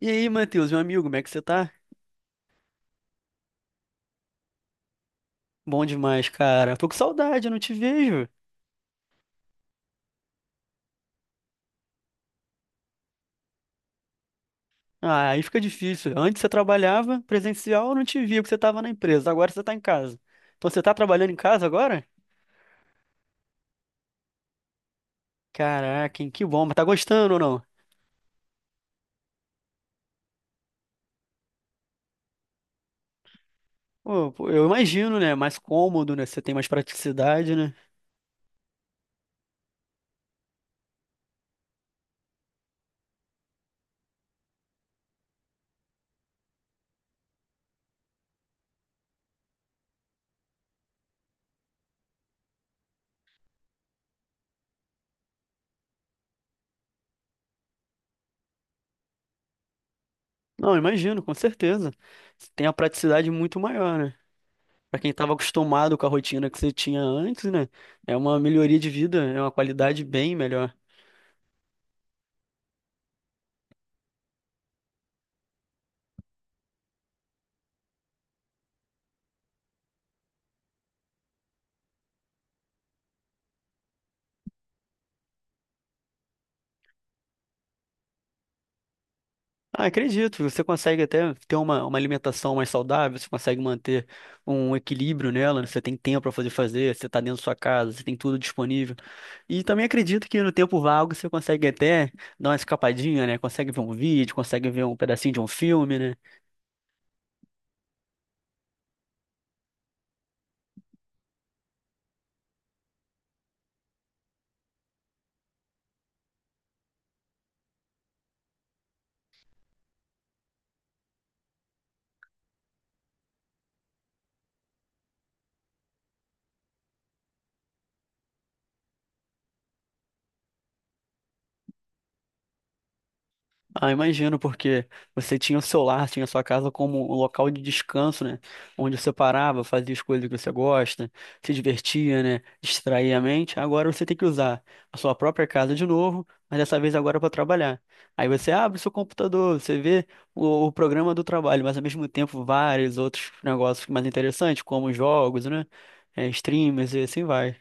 E aí, Matheus, meu amigo, como é que você tá? Bom demais, cara. Tô com saudade, eu não te vejo. Ah, aí fica difícil. Antes você trabalhava presencial, eu não te via, porque você tava na empresa. Agora você tá em casa. Então você tá trabalhando em casa agora? Caraca, hein, que bom. Mas tá gostando ou não? Pô, eu imagino, né? Mais cômodo, né? Você tem mais praticidade, né? Não, imagino, com certeza. Você tem a praticidade muito maior, né? Pra quem tava acostumado com a rotina que você tinha antes, né? É uma melhoria de vida, é uma qualidade bem melhor. Ah, acredito, você consegue até ter uma alimentação mais saudável, você consegue manter um equilíbrio nela, né? Você tem tempo para fazer, você está dentro da sua casa, você tem tudo disponível. E também acredito que no tempo vago você consegue até dar uma escapadinha, né? Consegue ver um vídeo, consegue ver um pedacinho de um filme, né? Ah, imagino, porque você tinha o seu lar, tinha a sua casa como um local de descanso, né? Onde você parava, fazia as coisas que você gosta, se divertia, né? Distraía a mente. Agora você tem que usar a sua própria casa de novo, mas dessa vez agora para trabalhar. Aí você abre o seu computador, você vê o programa do trabalho, mas ao mesmo tempo vários outros negócios mais interessantes, como jogos, né? É, streamers e assim vai.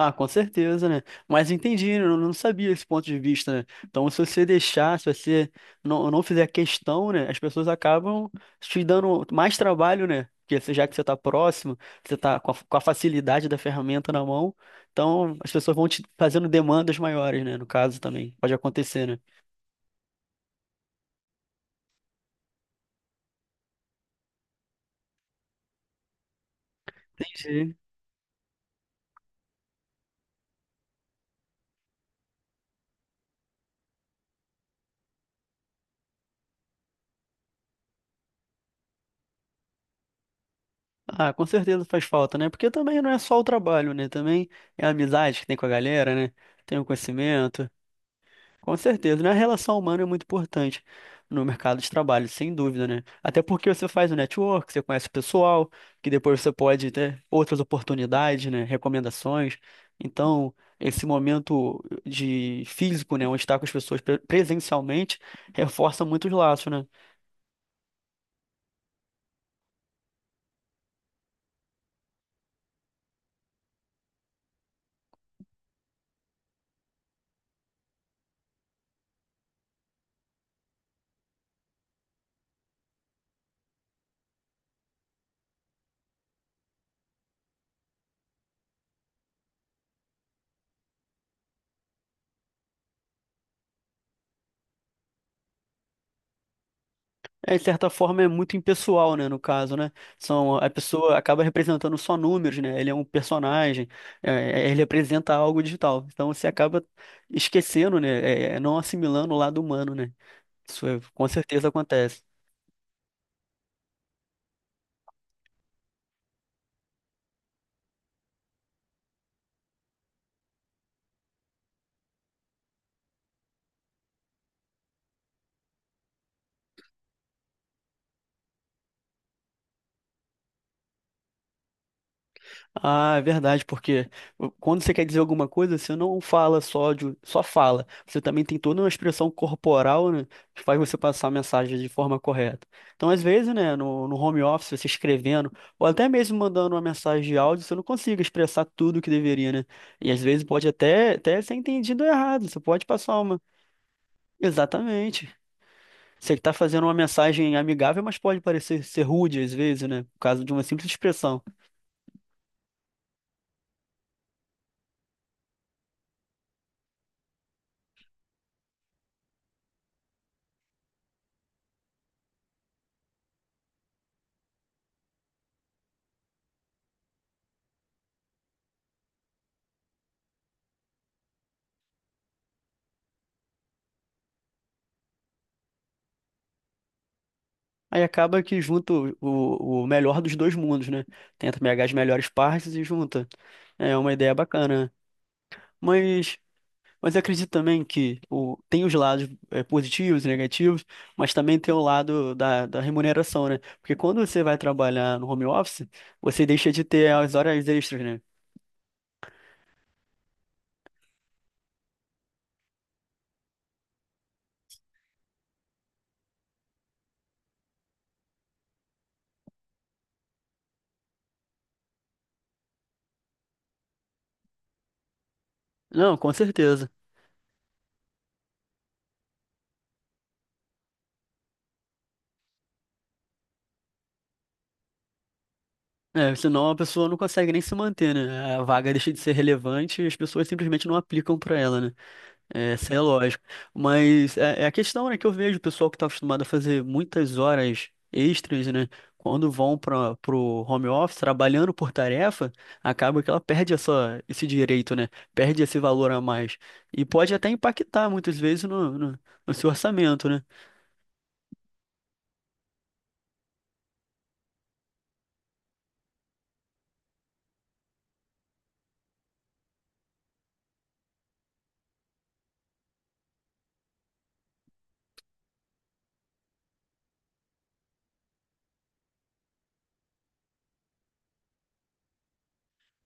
Ah, com certeza, né? Mas entendi, né? Eu não sabia esse ponto de vista, né? Então, se você deixar, se você não fizer questão, né? As pessoas acabam te dando mais trabalho, né? Porque você- já que você está próximo, você está com a facilidade da ferramenta na mão, então as pessoas vão te fazendo demandas maiores, né? No caso também, pode acontecer, né? Entendi. Ah, com certeza faz falta, né? Porque também não é só o trabalho, né? Também é a amizade que tem com a galera, né? Tem o conhecimento. Com certeza, né? A relação humana é muito importante no mercado de trabalho, sem dúvida, né? Até porque você faz o network, você conhece o pessoal, que depois você pode ter outras oportunidades, né? Recomendações. Então, esse momento de físico, né, onde está com as pessoas pre- presencialmente, reforça muito os laços, né? É, de certa forma é muito impessoal, né, no caso, né? São, a pessoa acaba representando só números, né? Ele é um personagem, ele representa algo digital. Então você acaba esquecendo, né? Não assimilando o lado humano, né? Isso é- com certeza acontece. Ah, é verdade, porque quando você quer dizer alguma coisa, você não fala só de, só fala. Você também tem toda uma expressão corporal, né, que faz você passar a mensagem de forma correta. Então, às vezes, né, no home office, você escrevendo, ou até mesmo mandando uma mensagem de áudio, você não consegue expressar tudo o que deveria, né? E às vezes pode até ser entendido errado. Você pode passar uma. Exatamente. Você está fazendo uma mensagem amigável, mas pode parecer ser rude às vezes, né? Por causa de uma simples expressão. Aí acaba que junta o, o melhor dos dois mundos, né? Tenta pegar as melhores partes e junta. É uma ideia bacana, né? Mas, mas eu acredito também que o, tem os lados é, positivos e negativos, mas também tem o lado da, da remuneração, né? Porque quando você vai trabalhar no home office, você deixa de ter as horas extras, né? Não, com certeza. É, senão a pessoa não consegue nem se manter, né? A vaga deixa de ser relevante e as pessoas simplesmente não aplicam para ela, né? É, isso é lógico. Mas é, é a questão, né, que eu vejo o pessoal que está acostumado a fazer muitas horas extras, né? Quando vão para o home office trabalhando por tarefa, acaba que ela perde essa, esse direito, né? Perde esse valor a mais. E pode até impactar muitas vezes no seu orçamento, né?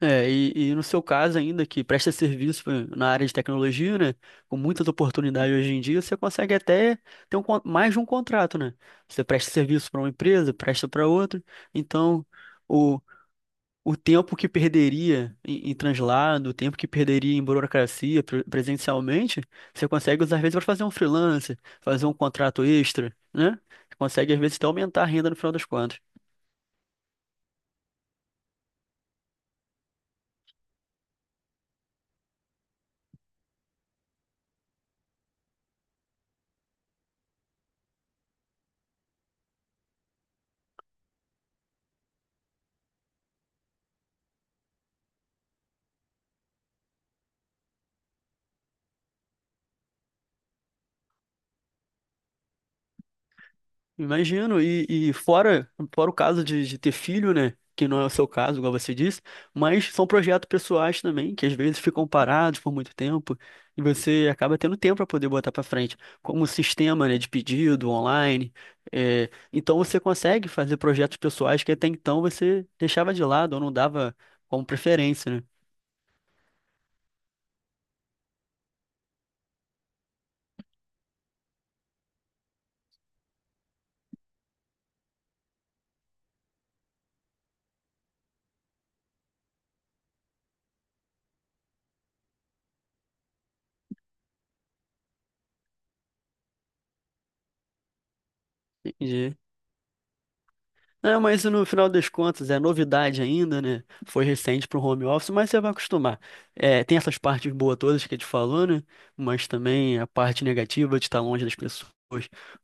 É, e no seu caso ainda, que presta serviço pra- na área de tecnologia, né? Com muitas oportunidades hoje em dia, você consegue até ter um, con- mais de um contrato, né? Você presta serviço para uma empresa, presta para outra. Então, o, o tempo que perderia em, em translado, o tempo que perderia em burocracia pre- presencialmente, você consegue usar às vezes para fazer um freelancer, fazer um contrato extra, né? Você consegue às vezes até aumentar a renda no final das contas. Imagino, e fora, fora o caso de ter filho, né? Que não é o seu caso, igual você disse, mas são projetos pessoais também, que às vezes ficam parados por muito tempo, e você acaba tendo tempo para poder botar para frente, como o sistema, né, de pedido online. É, então você consegue fazer projetos pessoais que até então você deixava de lado ou não dava como preferência, né? É, mas no final das contas é novidade ainda, né? Foi recente para o home office, mas você vai acostumar. É, tem essas partes boas todas que a gente falou, né? Mas também a parte negativa de estar longe das pessoas,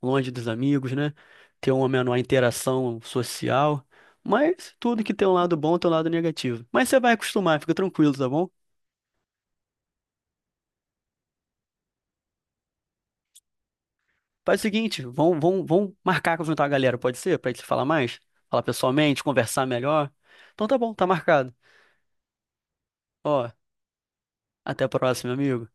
longe dos amigos, né? Ter uma menor interação social. Mas tudo que tem um lado bom tem um lado negativo. Mas você vai acostumar, fica tranquilo, tá bom? Faz o seguinte, vamos marcar com juntar a galera, pode ser? Pra gente se falar mais? Falar pessoalmente, conversar melhor. Então tá bom, tá marcado. Ó, até a próxima, amigo.